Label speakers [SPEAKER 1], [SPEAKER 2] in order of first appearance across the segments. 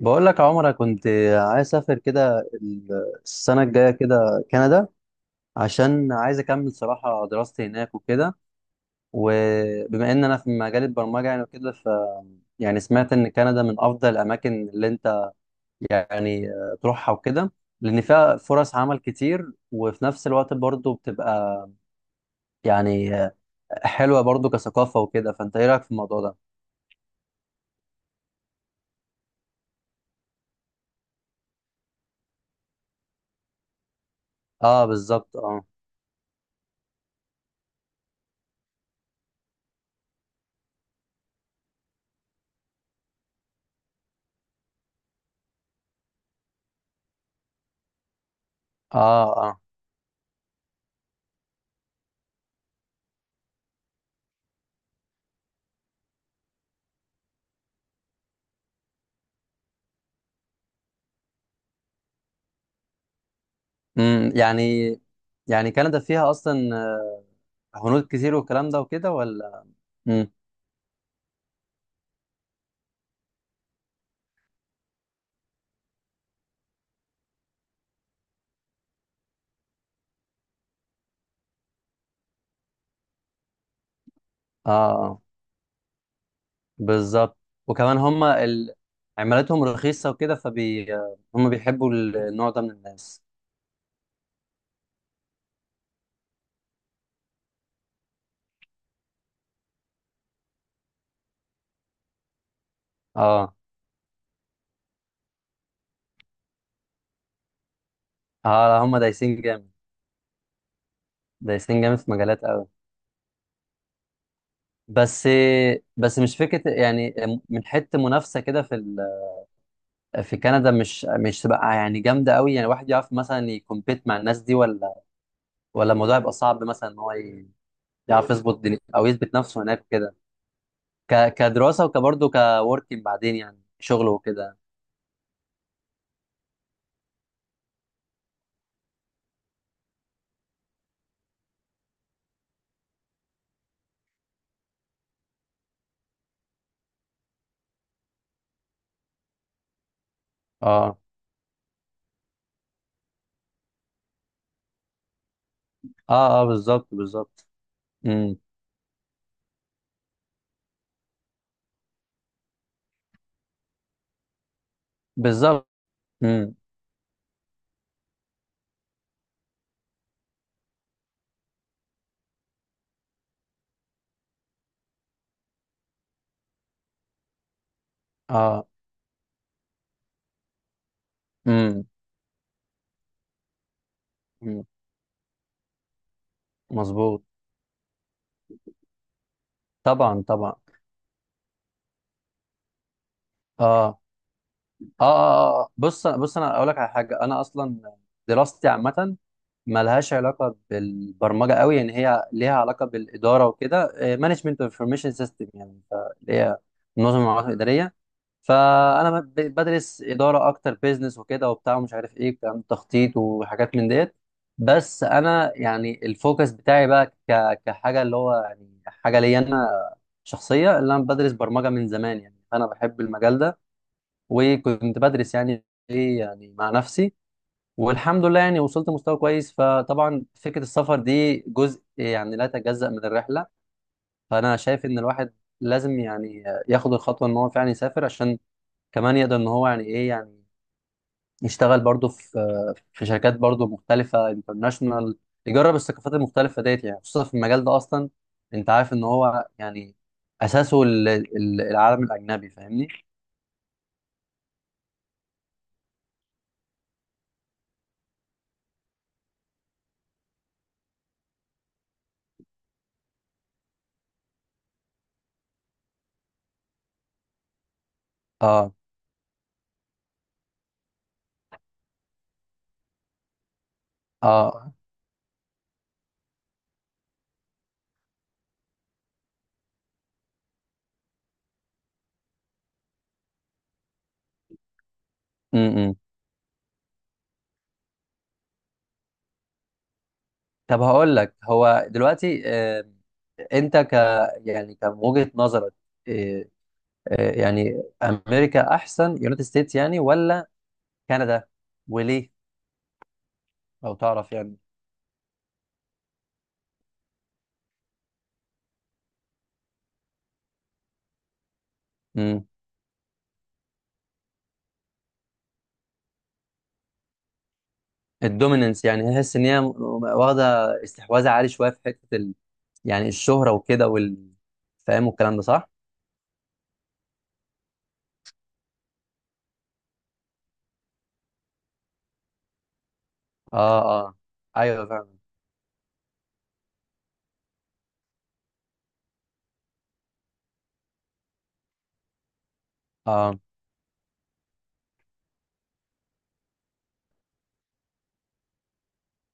[SPEAKER 1] بقول لك يا عمر، أنا كنت عايز اسافر كده السنه الجايه كده كندا. عشان عايز اكمل صراحه دراستي هناك وكده. وبما ان انا في مجال البرمجه يعني وكده، ف يعني سمعت ان كندا من افضل الاماكن اللي انت يعني تروحها وكده. لان فيها فرص عمل كتير، وفي نفس الوقت برضه بتبقى يعني حلوه برضه كثقافه وكده. فانت ايه رايك في الموضوع ده؟ اه بالظبط اه. اه اه يعني. يعني كندا فيها اصلا هنود كتير والكلام ده وكده، ولا؟ امم. اه بالظبط. وكمان هم عملتهم رخيصة وكده فبي. هم بيحبوا النوع ده من الناس. اه اه، هم دايسين جامد. دايسين جامد في مجالات قوي. بس بس مش فكرة يعني، من حتة منافسة كده في في كندا مش تبقى يعني جامدة قوي. يعني الواحد يعرف مثلا يكمبيت مع الناس دي، ولا ولا الموضوع يبقى صعب مثلا ان هو يعرف يظبط او يثبت نفسه هناك كده، كدراسة وكبرضه كوركينج، بعدين يعني شغل وكده. اه اه اه بالظبط بالظبط. امم. بالظبط. امم. اه. امم. أمم. مظبوط. طبعا طبعا. اه اه اه آه. آه. بص بص انا اقول لك على حاجة. انا اصلا دراستي عامة، ملهاش علاقة بالبرمجة قوي. يعني هي ليها علاقة بالإدارة وكده، مانجمنت انفورميشن سيستم. يعني اللي هي منظمة المعلومات الإدارية. فأنا بدرس إدارة أكتر، بيزنس وكده وبتاع، ومش عارف إيه كلام تخطيط وحاجات من ديت. بس أنا يعني الفوكس بتاعي بقى كحاجة اللي هو يعني حاجة ليا أنا شخصية، اللي أنا بدرس برمجة من زمان. يعني أنا بحب المجال ده، وكنت بدرس يعني إيه يعني مع نفسي. والحمد لله يعني وصلت مستوى كويس. فطبعا فكرة السفر دي جزء يعني لا يتجزأ من الرحلة. فأنا شايف إن الواحد لازم يعني ياخد الخطوة إن هو فعلا يسافر، عشان كمان يقدر إن هو يعني إيه يعني يشتغل برضه في شركات برضه مختلفة انترناشونال. يجرب الثقافات المختلفة ديت، يعني خصوصا في المجال ده أصلا. أنت عارف إن هو يعني أساسه العالم الأجنبي. فاهمني؟ آه آه م -م. طب هقول لك، هو دلوقتي انت ك، يعني كان وجهة نظرك آه، يعني امريكا احسن، يونايتد ستيتس يعني، ولا كندا؟ وليه؟ لو تعرف يعني. امم. الدوميننس يعني، تحس ان هي واخده استحواذ عالي شويه في حته يعني الشهره وكده وال، فاهم؟ والكلام ده صح؟ اه اه ايوه فاهم. اه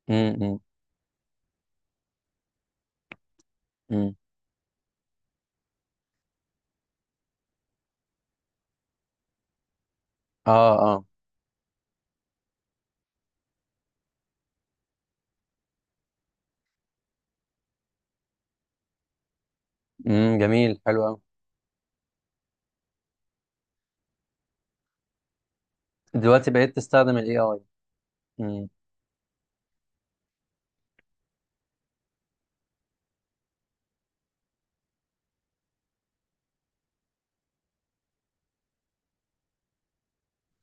[SPEAKER 1] امم امم اه اه جميل حلو قوي. دلوقتي بقيت تستخدم الاي اي؟ امم.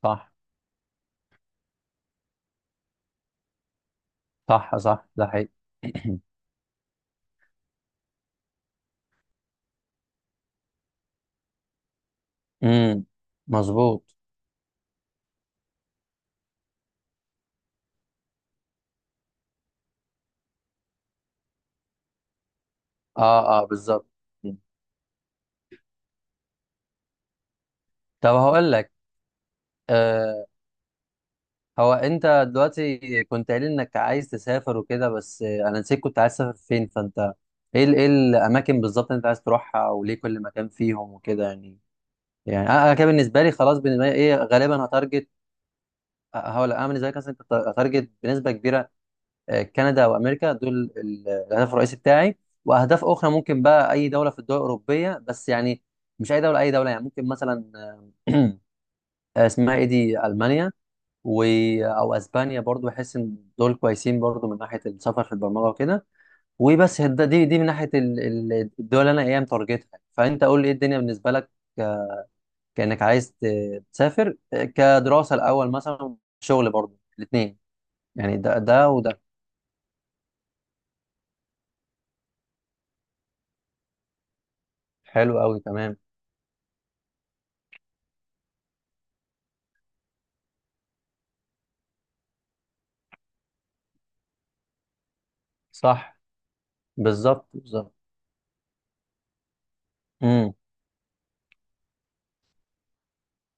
[SPEAKER 1] صح صح. صح ده حقيقي. امم. مظبوط. اه اه بالظبط. طب هقول لك، آه، هو انت دلوقتي كنت قايل انك عايز تسافر وكده، بس انا نسيت. كنت عايز تسافر فين؟ فانت ايه ايه الاماكن بالظبط انت عايز تروحها، وليه كل مكان فيهم وكده يعني؟ يعني أنا كده بالنسبه لي خلاص. بالنسبه لي ايه، غالبا هتارجت. هقول لك، انا بالنسبه لي مثلا هتارجت بنسبه كبيره كندا وامريكا، دول الهدف الرئيسي بتاعي. واهداف اخرى ممكن بقى اي دوله في الدول الاوروبيه. بس يعني مش اي دوله اي دوله يعني، ممكن مثلا آه، اسمها ايه دي، المانيا، و... او اسبانيا برضو. بحس ان دول كويسين برضو من ناحيه السفر في البرمجه وكده. وبس دي من ناحيه الدول اللي انا ايه متارجتها. فانت قول لي ايه الدنيا بالنسبه لك، ك- كانك عايز تسافر كدراسه الاول مثلا، شغل برضو، الاثنين يعني. ده ده وده. حلو قوي تمام. صح بالظبط بالظبط. امم.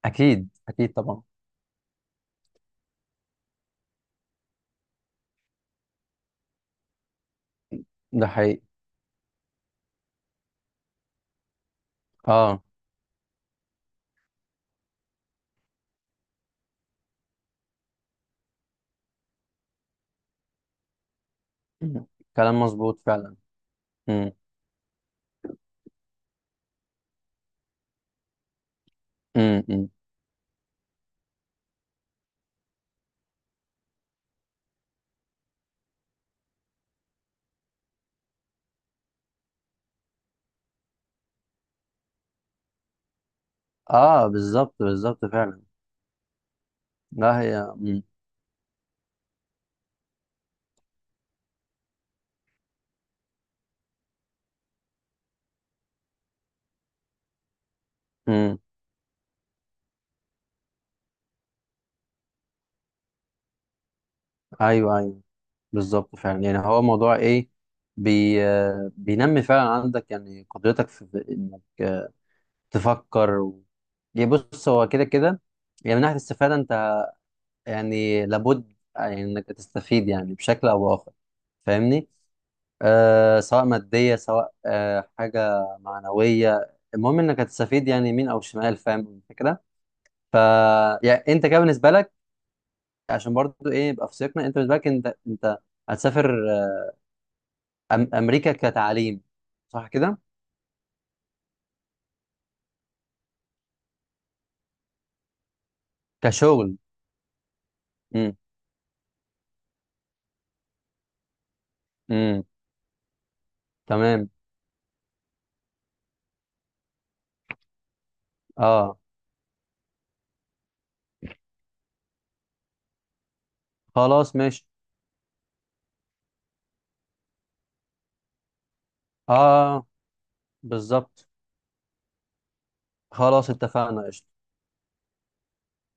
[SPEAKER 1] اكيد اكيد طبعا. ده حقيقي. اه مم. كلام مظبوط فعلا. امم أمم. اه بالظبط بالظبط فعلا. لا هي امم. امم. ايوه ايوه. بالظبط فعلا. يعني هو موضوع ايه، بي آه، بينمي فعلا عندك يعني قدرتك في انك تفكر و... يعني بص، هو كده كده. يعني من ناحيه الاستفاده، انت يعني لابد يعني انك تستفيد يعني بشكل او باخر. فاهمني؟ آه، سواء مادية، سواء آه حاجة معنوية، المهم انك هتستفيد يعني يمين او شمال. فاهم الفكرة؟ ف يعني انت كده بالنسبة لك، عشان برضو ايه يبقى في سياقنا. انت بالنسبة لك انت هتسافر أم امريكا كتعليم، صح كده؟ كشغل. امم امم تمام. اه. خلاص ماشي. اه بالظبط. خلاص اتفقنا.